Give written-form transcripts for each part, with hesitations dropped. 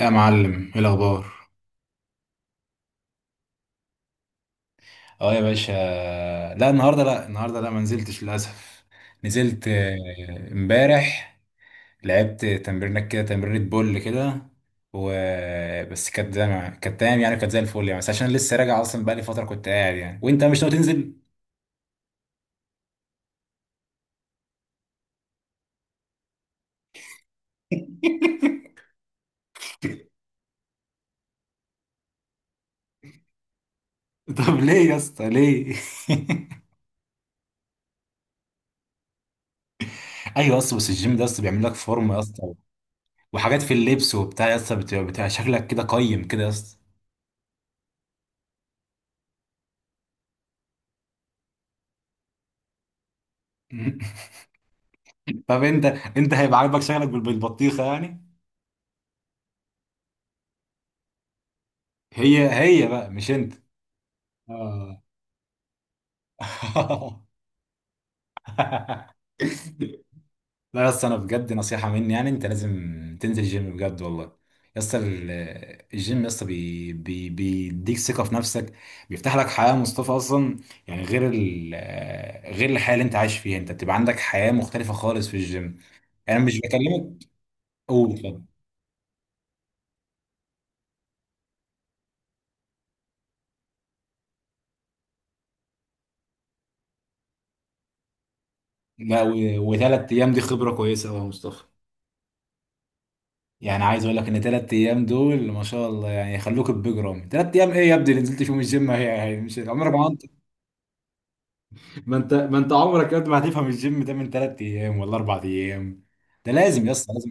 يا معلم، ايه الاخبار؟ اه يا باشا. لا النهارده، لا النهارده لا ما نزلتش للاسف. نزلت امبارح. لعبت تمرينك كده، تمرينة بول كده. و بس كانت زي ما- كانت تمام يعني، كانت زي الفل يعني، بس عشان لسه راجع اصلا، بقالي فتره كنت قاعد يعني. وانت مش ناوي تنزل؟ طب ليه يا اسطى، ليه؟ ايوه، اصل بس الجيم ده اصلا بيعمل لك فورمه يا اسطى، وحاجات في اللبس وبتاع يا اسطى، بتبقى شكلك كده قيم كده يا اسطى. طب انت، هيبقى عاجبك شكلك بالبطيخه يعني؟ هي هي بقى مش انت. اه. لا يا اسطى، انا بجد نصيحه مني يعني، انت لازم تنزل الجيم بجد والله. يا اسطى، الجيم يا اسطى بيديك ثقه في نفسك، بيفتح لك حياه مصطفى اصلا. يعني غير الحياه اللي انت عايش فيها، انت بتبقى عندك حياه مختلفه خالص في الجيم. انا مش بكلمك. قول، اتفضل. لا، وثلاث ايام دي خبره كويسه قوي يا مصطفى. يعني عايز اقول لك ان تلات ايام دول ما شاء الله يعني يخلوك بجرام. تلات ايام ايه يا ابني اللي نزلت فيهم الجيم؟ هي هي مش عمرك ما انت. ما انت عمرك يا ابني ما هتفهم الجيم ده من تلات ايام ولا اربع ايام. ده لازم يا اسطى، لازم.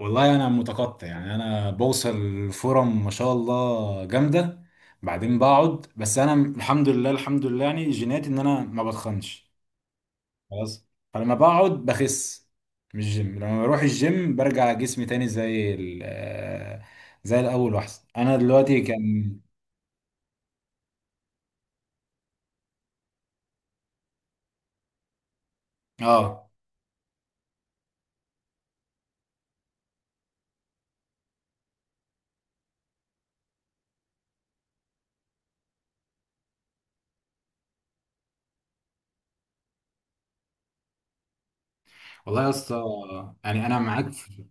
والله انا متقطع يعني، انا بوصل فرم ما شاء الله جامده، بعدين بقعد. بس انا الحمد لله، الحمد لله يعني جيناتي ان انا ما بتخنش. خلاص، فلما بقعد بخس. مش جيم، لما بروح الجيم برجع جسمي تاني زي زي الاول واحسن. انا دلوقتي كان. اه. والله يا اسطى يعني انا معاك في...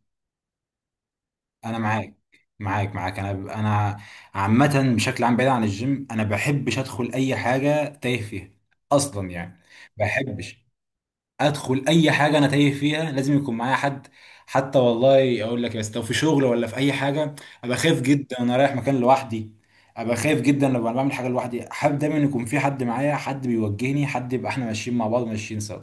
انا معاك. معاك انا عامه بشكل عام، بعيد عن الجيم، انا بحبش ادخل اي حاجه تايه فيها اصلا يعني. بحبش ادخل اي حاجه انا تايه فيها، لازم يكون معايا حد. حتى والله اقول لك، بس لو في شغل ولا في اي حاجه، ابقى خايف جدا انا رايح مكان لوحدي. ابقى خايف جدا لما أنا بعمل حاجه لوحدي، حابب دايما يكون في حد معايا، حد بيوجهني، حد يبقى احنا ماشيين مع بعض، ماشيين سوا.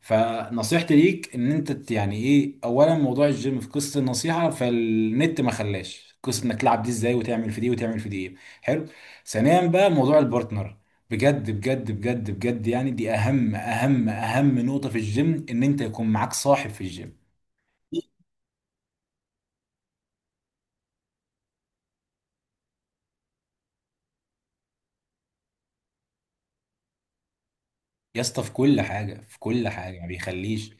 فنصيحتي ليك ان انت يعني ايه، اولا موضوع الجيم في قصه النصيحه فالنت ما خلاش، قصه انك تلعب دي ازاي وتعمل في دي وتعمل في دي ايه. حلو. ثانيا بقى موضوع البارتنر، بجد بجد بجد بجد يعني، دي اهم اهم اهم نقطة في الجيم، ان انت يكون معاك صاحب في الجيم. يا اسطى في كل حاجة، في كل حاجة ما بيخليش.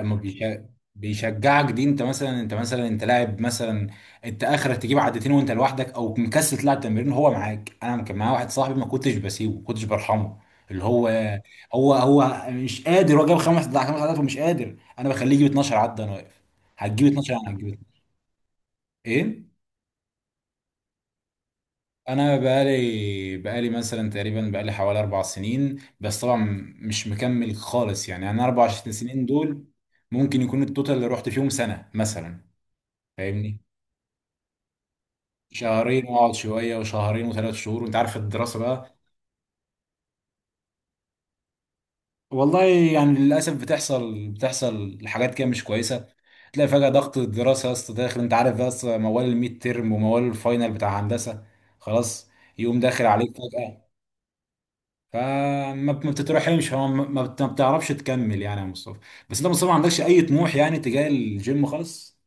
اما بيشا- بيشجعك دي. انت مثلا، انت لاعب مثلا، انت اخرك تجيب عدتين وانت لوحدك او مكسل تلعب تمرين، هو معاك. انا كان معايا واحد صاحبي ما كنتش بسيبه، ما كنتش برحمه. اللي هو هو مش قادر، هو جاب خمس خمس عدات ومش قادر، انا بخليه يجيب 12 عدة، انا واقف. هتجيب 12، انا هتجيب اتناشر. ايه. انا بقالي مثلا تقريبا، بقالي حوالي اربع سنين، بس طبعا مش مكمل خالص يعني. انا اربع سنين دول ممكن يكون التوتال اللي رحت فيهم سنه مثلا، فاهمني. شهرين واقعد شويه، وشهرين، وثلاث شهور، وانت عارف الدراسه بقى. والله يعني للاسف بتحصل، حاجات كده مش كويسه. تلاقي فجاه ضغط الدراسه يا اسطى داخل، انت عارف بقى، أصل موال الميد تيرم وموال الفاينل بتاع هندسه. خلاص، يقوم داخل عليك فجاه. فما ما بتترحمش، هو ما بتعرفش تكمل يعني يا مصطفى. بس انت يا مصطفى ما عندكش اي طموح يعني تجاه الجيم خالص؟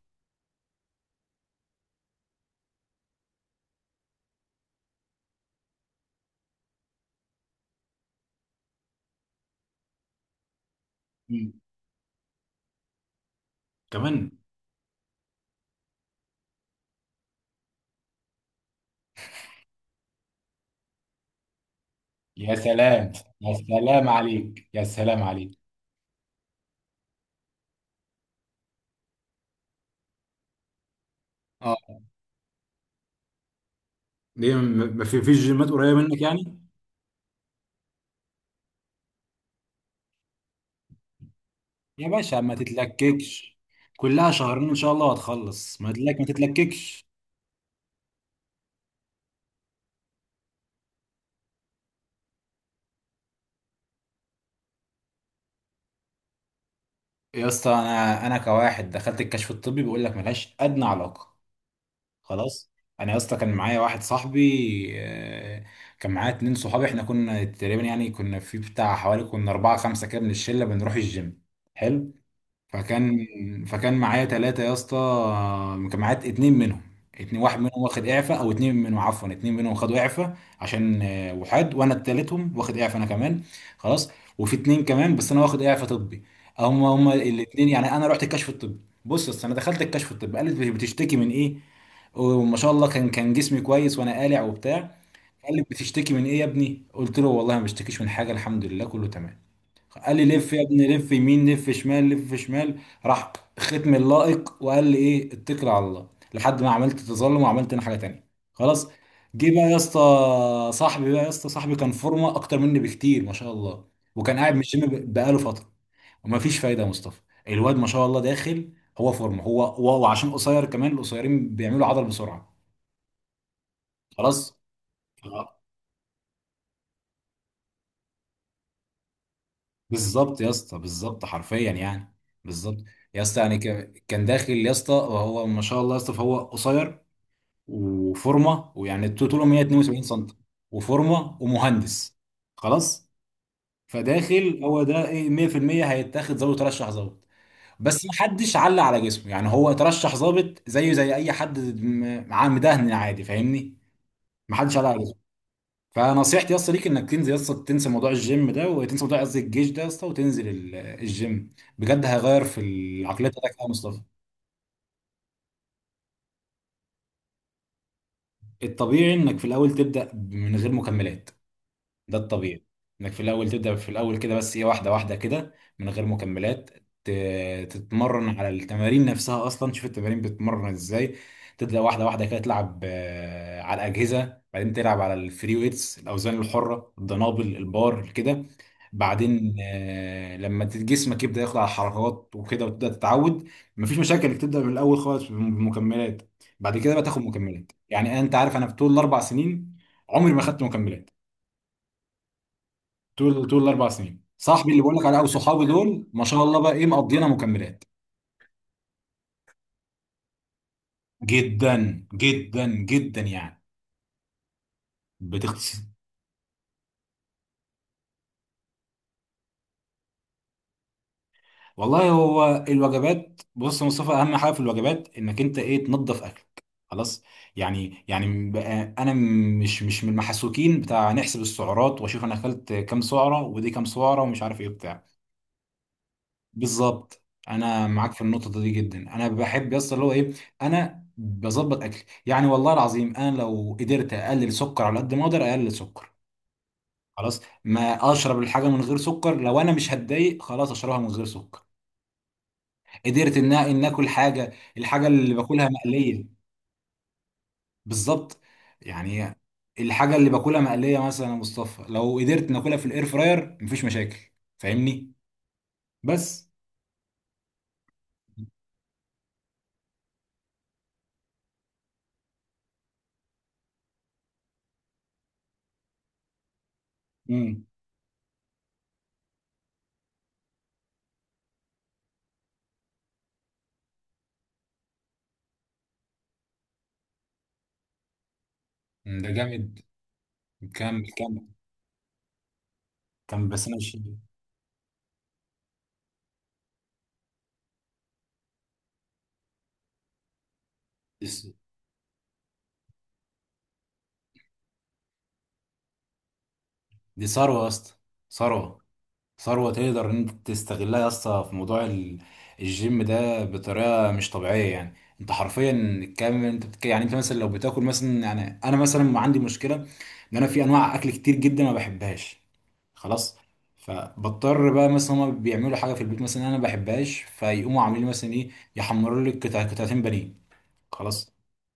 مم. كمان. يا سلام، يا سلام عليك. اه، ليه ما في فيش جيمات قريبه منك يعني؟ يا باشا ما تتلككش، كلها شهرين ان شاء الله وهتخلص، ما تلك، ما تتلككش. يا اسطى انا، كواحد دخلت الكشف الطبي، بيقول لك ملهاش ادنى علاقه. خلاص. انا يا اسطى كان معايا واحد صاحبي آه، كان معايا اتنين صحابي، احنا كنا تقريبا يعني كنا في بتاع حوالي كنا اربعة خمسة كده من الشلة بنروح الجيم. حلو. فكان، فكان معايا ثلاثة يا اسطى، كان معايا اتنين منهم. اتنين واحد منهم واخد اعفاء، او اتنين منهم عفوا، اتنين منهم خدوا اعفاء عشان وحاد. وانا التالتهم، واخد اعفاء انا كمان. خلاص، وفي اتنين كمان، بس انا واخد اعفاء طبي. هم الاتنين يعني. انا رحت الكشف الطبي، بص يا اسطى، انا دخلت الكشف الطبي، قالت بتشتكي من ايه. وما شاء الله كان، كان جسمي كويس وانا قالع وبتاع. قال لي بتشتكي من ايه يا ابني، قلت له والله ما بشتكيش من حاجه، الحمد لله كله تمام. قال لي لف يا ابني، لف يمين، لف شمال، لف شمال. راح ختم اللائق وقال لي ايه، اتكل على الله. لحد ما عملت تظلم وعملت انا حاجه تانية، خلاص. جه بقى يا اسطى صاحبي بقى، يا اسطى صاحبي كان فورمه اكتر مني بكتير ما شاء الله، وكان قاعد من الجيم بقاله فتره. ومفيش فايده يا مصطفى، الواد ما شاء الله داخل. هو فورمه، وعشان قصير كمان، القصيرين بيعملوا عضل بسرعه. خلاص. بالظبط يا اسطى، بالظبط حرفيا يعني. بالظبط. يا اسطى يعني كان داخل يا اسطى، وهو ما شاء الله يا اسطى، فهو قصير وفورمه ويعني طوله 172 سم، وفورمه ومهندس. خلاص، فداخل هو ده ايه 100%، هيتاخد ضابط، ترشح ضابط. بس ما حدش علق على جسمه يعني، هو ترشح ضابط زيه زي اي حد معاه مدهن عادي، فاهمني. ما حدش علق على. فنصيحتي يا اسطى ليك انك تنزل يا اسطى، تنسى موضوع الجيم ده، وتنسى موضوع قصدي الجيش ده يا اسطى، وتنزل الجيم بجد، هيغير في العقليه بتاعتك يا مصطفى. الطبيعي انك في الاول تبدا من غير مكملات، ده الطبيعي. انك في الاول تبدا، في الاول كده بس ايه، واحده واحده كده، من غير مكملات. تتمرن على التمارين نفسها اصلا، تشوف التمارين بتتمرن ازاي. تبدا واحده واحده كده، تلعب على الاجهزه، بعدين تلعب على الفري ويتس، الاوزان الحره، الدنابل، البار كده. بعدين لما جسمك يبدا ياخد على الحركات وكده وتبدا تتعود. مفيش مشاكل انك تبدا من الاول خالص بالمكملات. بعد كده بقى تاخد مكملات. يعني انت عارف انا في طول الاربع سنين عمري ما خدت مكملات. طول الاربع سنين، صاحبي اللي بقول لك عليه او صحابي دول ما شاء الله بقى ايه، مقضينا مكملات. جدا جدا جدا يعني. بتختص. والله هو الوجبات، بص يا مصطفى، اهم حاجه في الوجبات انك انت ايه، تنظف اكلك. خلاص. يعني بقى انا مش من المحسوكين بتاع نحسب السعرات واشوف انا اكلت كام سعره ودي كام سعره ومش عارف ايه بتاع. بالظبط. انا معاك في النقطه دي جدا. انا بحب يس اللي هو ايه، انا بظبط اكلي يعني. والله العظيم انا لو قدرت اقلل سكر على قد ما اقدر اقلل سكر، خلاص. ما اشرب الحاجه من غير سكر، لو انا مش هتضايق خلاص اشربها من غير سكر. قدرت ان اكل حاجه، الحاجه اللي باكلها مقليه. بالظبط يعني. الحاجه اللي باكلها مقليه مثلا يا مصطفى، لو قدرت ناكلها في الاير فراير مفيش مشاكل، فاهمني. بس. امم، ده جامد. كمل، كمل بس ماشي. دي س- دي ثروة يا اسطى، ثروة. ثروة تقدر ان انت تستغلها يا اسطى في موضوع الجيم ده بطريقة مش طبيعية يعني. انت حرفيا الكم انت بتك... يعني انت مثلا لو بتاكل مثلا، يعني انا مثلا عندي مشكلة، ان انا في انواع اكل كتير جدا ما بحبهاش. خلاص، فبضطر بقى مثلا، هما بيعملوا حاجة في البيت مثلا انا ما بحبهاش، فيقوموا عاملين لي مثلا ايه، يحمروا لي قطعتين بانيه. خلاص.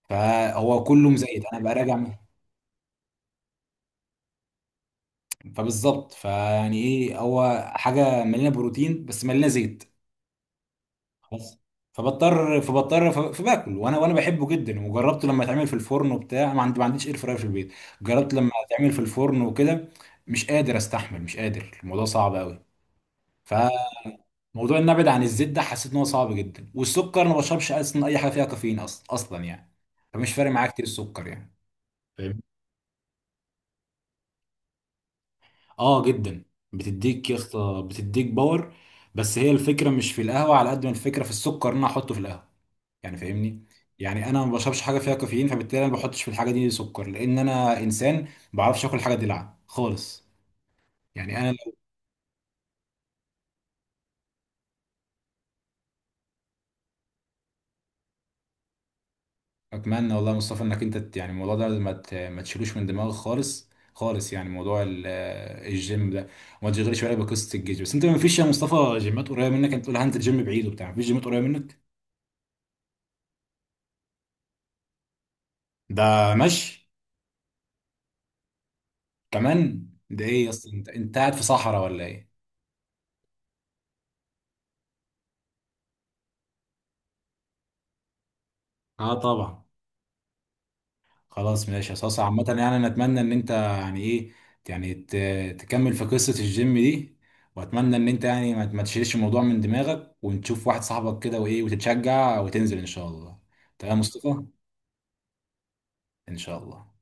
فهو كله مزيت، انا بقى راجع. فبالظبط، فيعني ايه، هو حاجه مليانه بروتين بس مليانه زيت. خلاص. فبضطر، فباكل. وانا بحبه جدا، وجربته لما يتعمل في الفرن وبتاع، ما عندي، ما عنديش اير فراير في البيت. جربت لما يتعمل في الفرن وكده، مش قادر استحمل، مش قادر الموضوع صعب قوي. فموضوع ان ابعد عن الزيت ده حسيت ان هو صعب جدا. والسكر انا ما بشربش اصلا اي حاجه فيها كافيين، اصلا يعني. فمش فارق معايا كتير السكر يعني. اه جدا. بتديك يا اسطى، بتديك باور. بس هي الفكره مش في القهوه على قد ما الفكره في السكر اللي انا احطه في القهوه، يعني فاهمني. يعني انا ما بشربش حاجه فيها كافيين، فبالتالي انا ما بحطش في الحاجه دي سكر، لان انا انسان ما بعرفش اكل حاجه دلع خالص، يعني انا لو. اتمنى والله يا مصطفى انك انت يعني الموضوع ده ما ما تشيلوش من دماغك خالص، خالص يعني، موضوع الجيم ده، وما تشغلش بالك بقصه الجيش. بس انت ما فيش يا مصطفى جيمات قريبه منك؟ انت تقول هنزل جيم بعيد وبتاع، ما فيش جيمات قريبه منك. ده ماشي، كمان ده ايه يا اسطى، انت قاعد في صحراء ولا ايه؟ اه طبعا. خلاص ماشي يا صاصة، عامة يعني انا اتمنى ان انت يعني ايه، يعني تكمل في قصة الجيم دي. واتمنى ان انت يعني ما تشيلش الموضوع من دماغك، ونشوف واحد صاحبك كده وايه، وتتشجع وتنزل ان شاء الله. تمام يا مصطفى، ان شاء الله.